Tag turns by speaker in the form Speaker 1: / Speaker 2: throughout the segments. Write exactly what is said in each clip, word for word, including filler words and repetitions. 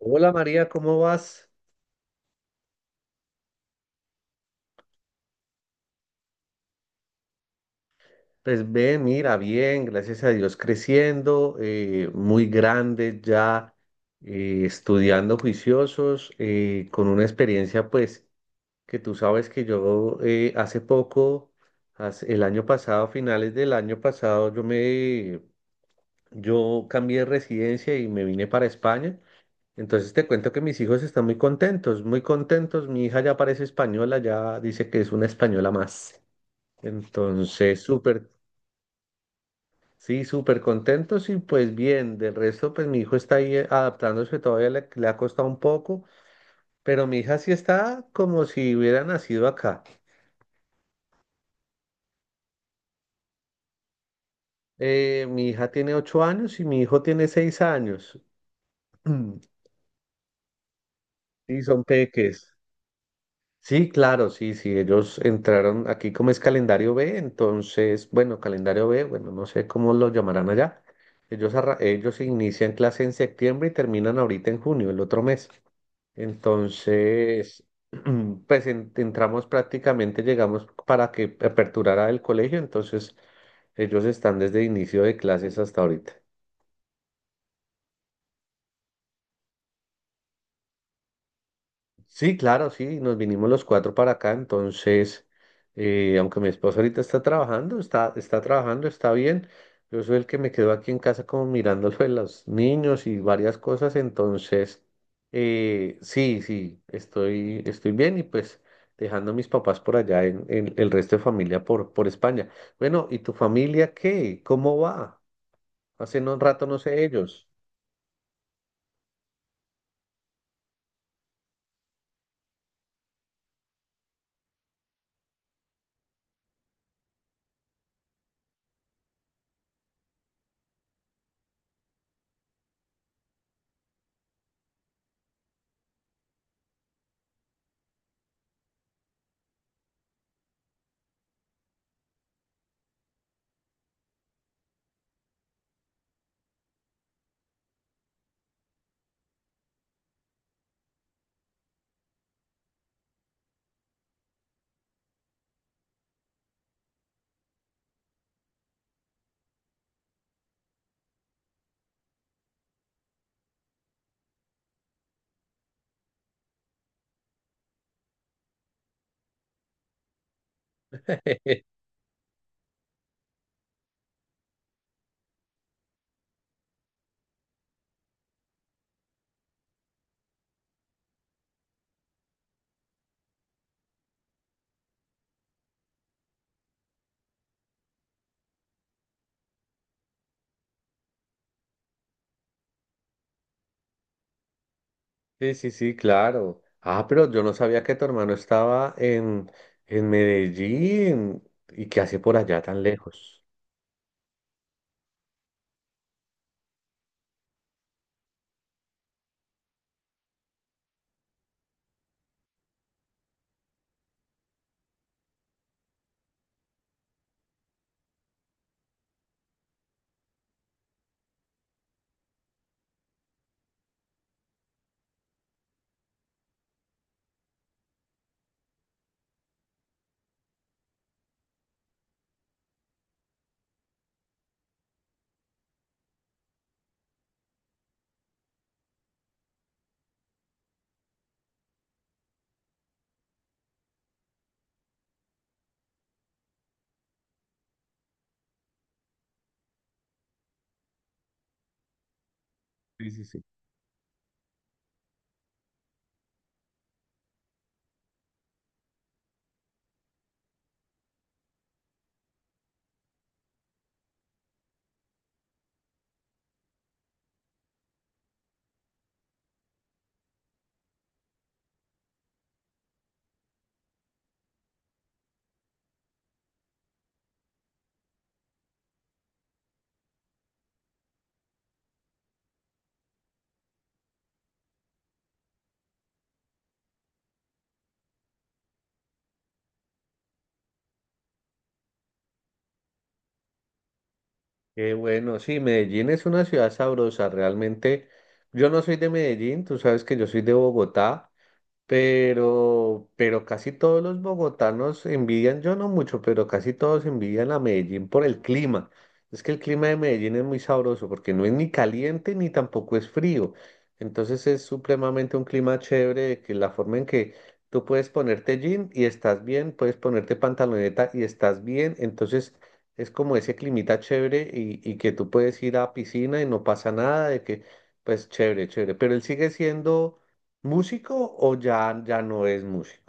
Speaker 1: Hola María, ¿cómo vas? Pues bien, mira, bien, gracias a Dios creciendo, eh, muy grande ya, eh, estudiando juiciosos, eh, con una experiencia pues que tú sabes que yo eh, hace poco, hace- el año pasado, finales del año pasado, yo me, yo cambié de residencia y me vine para España. Entonces te cuento que mis hijos están muy contentos, muy contentos. Mi hija ya parece española, ya dice que es una española más. Entonces, súper, sí, súper contentos y pues bien, del resto pues mi hijo está ahí eh, adaptándose, todavía le, le ha costado un poco, pero mi hija sí está como si hubiera nacido acá. Eh, mi hija tiene ocho años y mi hijo tiene seis años. Sí, son peques. Sí, claro, sí, sí, ellos entraron aquí como es calendario B, entonces, bueno, calendario B, bueno, no sé cómo lo llamarán allá. Ellos, arra- ellos inician clase en septiembre y terminan ahorita en junio, el otro mes. Entonces, pues en- entramos prácticamente, llegamos para que aperturara el colegio, entonces ellos están desde inicio de clases hasta ahorita. Sí, claro, sí, nos vinimos los cuatro para acá, entonces, eh, aunque mi esposa ahorita está trabajando, está, está trabajando, está bien, yo soy el que me quedo aquí en casa como mirando lo de los niños y varias cosas, entonces, eh, sí, sí, estoy, estoy bien y pues dejando a mis papás por allá en, en el resto de familia por, por España. Bueno, ¿y tu familia qué? ¿Cómo va? Hace no, un rato no sé ellos. Sí, sí, sí, claro. Ah, pero yo no sabía que tu hermano estaba en, en Medellín y que hace por allá tan lejos. Sí, sí, sí. Qué bueno, sí, Medellín es una ciudad sabrosa, realmente. Yo no soy de Medellín, tú sabes que yo soy de Bogotá. Pero, pero casi todos los bogotanos envidian, yo no mucho, pero casi todos envidian a Medellín por el clima. Es que el clima de Medellín es muy sabroso porque no es ni caliente ni tampoco es frío. Entonces es supremamente un clima chévere, de que la forma en que tú puedes ponerte jean y estás bien, puedes ponerte pantaloneta y estás bien. Entonces es como ese climita chévere y, y que tú puedes ir a piscina y no pasa nada, de que pues chévere, chévere. Pero él sigue siendo, ¿músico o ya, ya no es músico?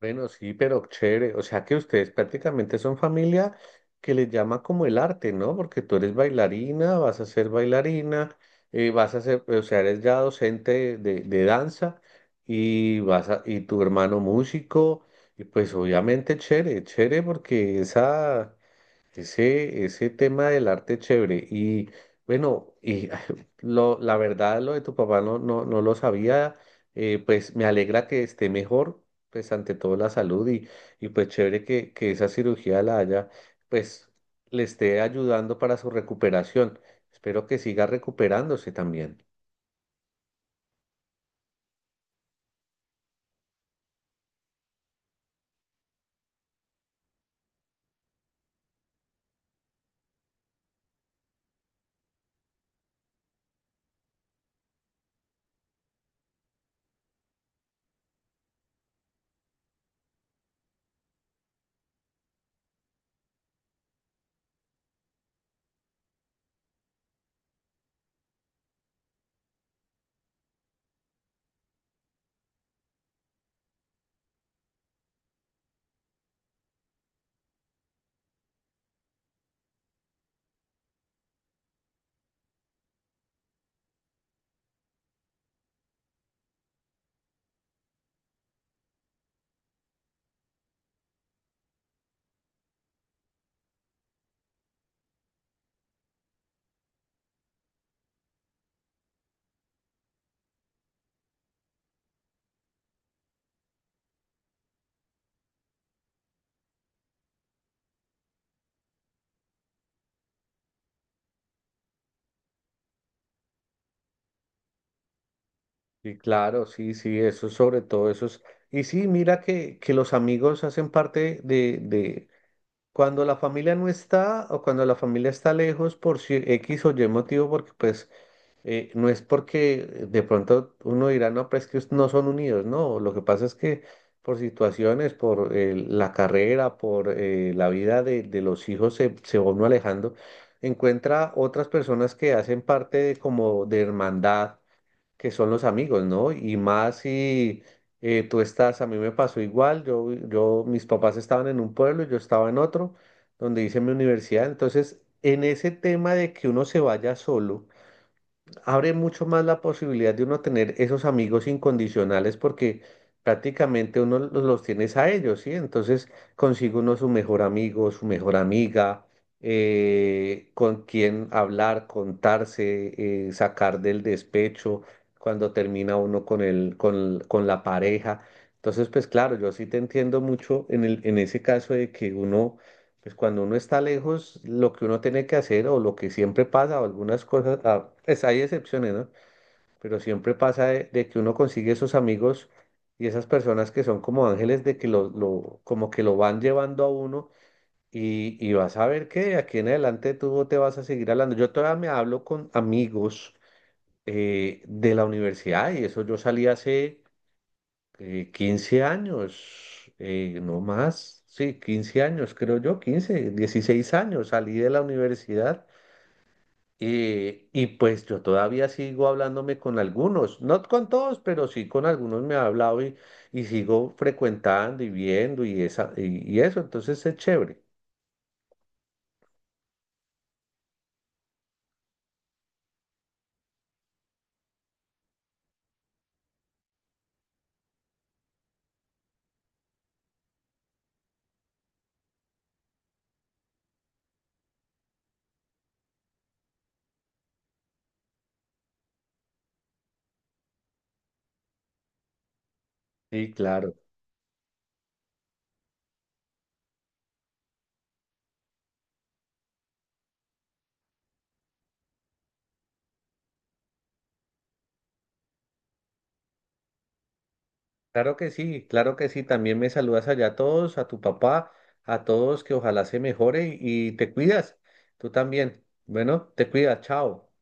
Speaker 1: Bueno, sí, pero chévere. O sea que ustedes prácticamente son familia que les llama como el arte, ¿no? Porque tú eres bailarina, vas a ser bailarina, eh, vas a ser, o sea, eres ya docente de, de- de danza y vas a, y tu hermano músico, y pues obviamente chévere, chévere porque esa Ese, ese tema del arte es chévere. Y bueno, y lo, la verdad, lo de tu papá no, no, no lo sabía. Eh, pues me alegra que esté mejor, pues ante todo la salud y, y pues chévere que, que esa cirugía la haya, pues, le esté ayudando para su recuperación. Espero que siga recuperándose también. Y claro, sí, sí, eso es sobre todo, eso es. Y sí, mira que, que los amigos hacen parte de, de, Cuando la familia no está o cuando la familia está lejos por si- X o Y motivo, porque pues eh, no es porque de pronto uno dirá, no, pero es que no son unidos, no, lo que pasa es que por situaciones, por eh, la carrera, por eh, la vida de, de los hijos se, se va uno alejando, encuentra otras personas que hacen parte de como de hermandad que son los amigos, ¿no? Y más si eh, tú estás, a mí me pasó igual, yo, yo, mis papás estaban en un pueblo, yo estaba en otro, donde hice mi universidad, entonces en ese tema de que uno se vaya solo, abre mucho más la posibilidad de uno tener esos amigos incondicionales porque prácticamente uno los, los tienes a ellos, ¿sí? Entonces consigue uno su mejor amigo, su mejor amiga, eh, con quien hablar, contarse, eh, sacar del despecho cuando termina uno con el, con, con la pareja. Entonces, pues claro, yo sí te entiendo mucho en el, en ese caso de que uno pues cuando uno está lejos, lo que uno tiene que hacer o lo que siempre pasa, o algunas cosas, ah, pues hay excepciones, ¿no? Pero siempre pasa de, de que uno consigue esos amigos y esas personas que son como ángeles de que lo, lo- como que lo van llevando a uno y, y vas a ver que de aquí en adelante tú te vas a seguir hablando. Yo todavía me hablo con amigos eh, de la universidad y eso yo salí hace eh, quince años, eh, no más, sí, quince años, creo yo, quince dieciséis años, salí de la universidad eh, y pues yo todavía sigo hablándome con algunos, no con todos, pero sí con algunos me he hablado y, y sigo frecuentando y viendo y, esa, y, y eso, entonces es chévere. Sí, claro, claro que sí, claro que sí, también me saludas allá a todos, a tu papá, a todos, que ojalá se mejore y y te cuidas, tú también. Bueno, te cuidas, chao.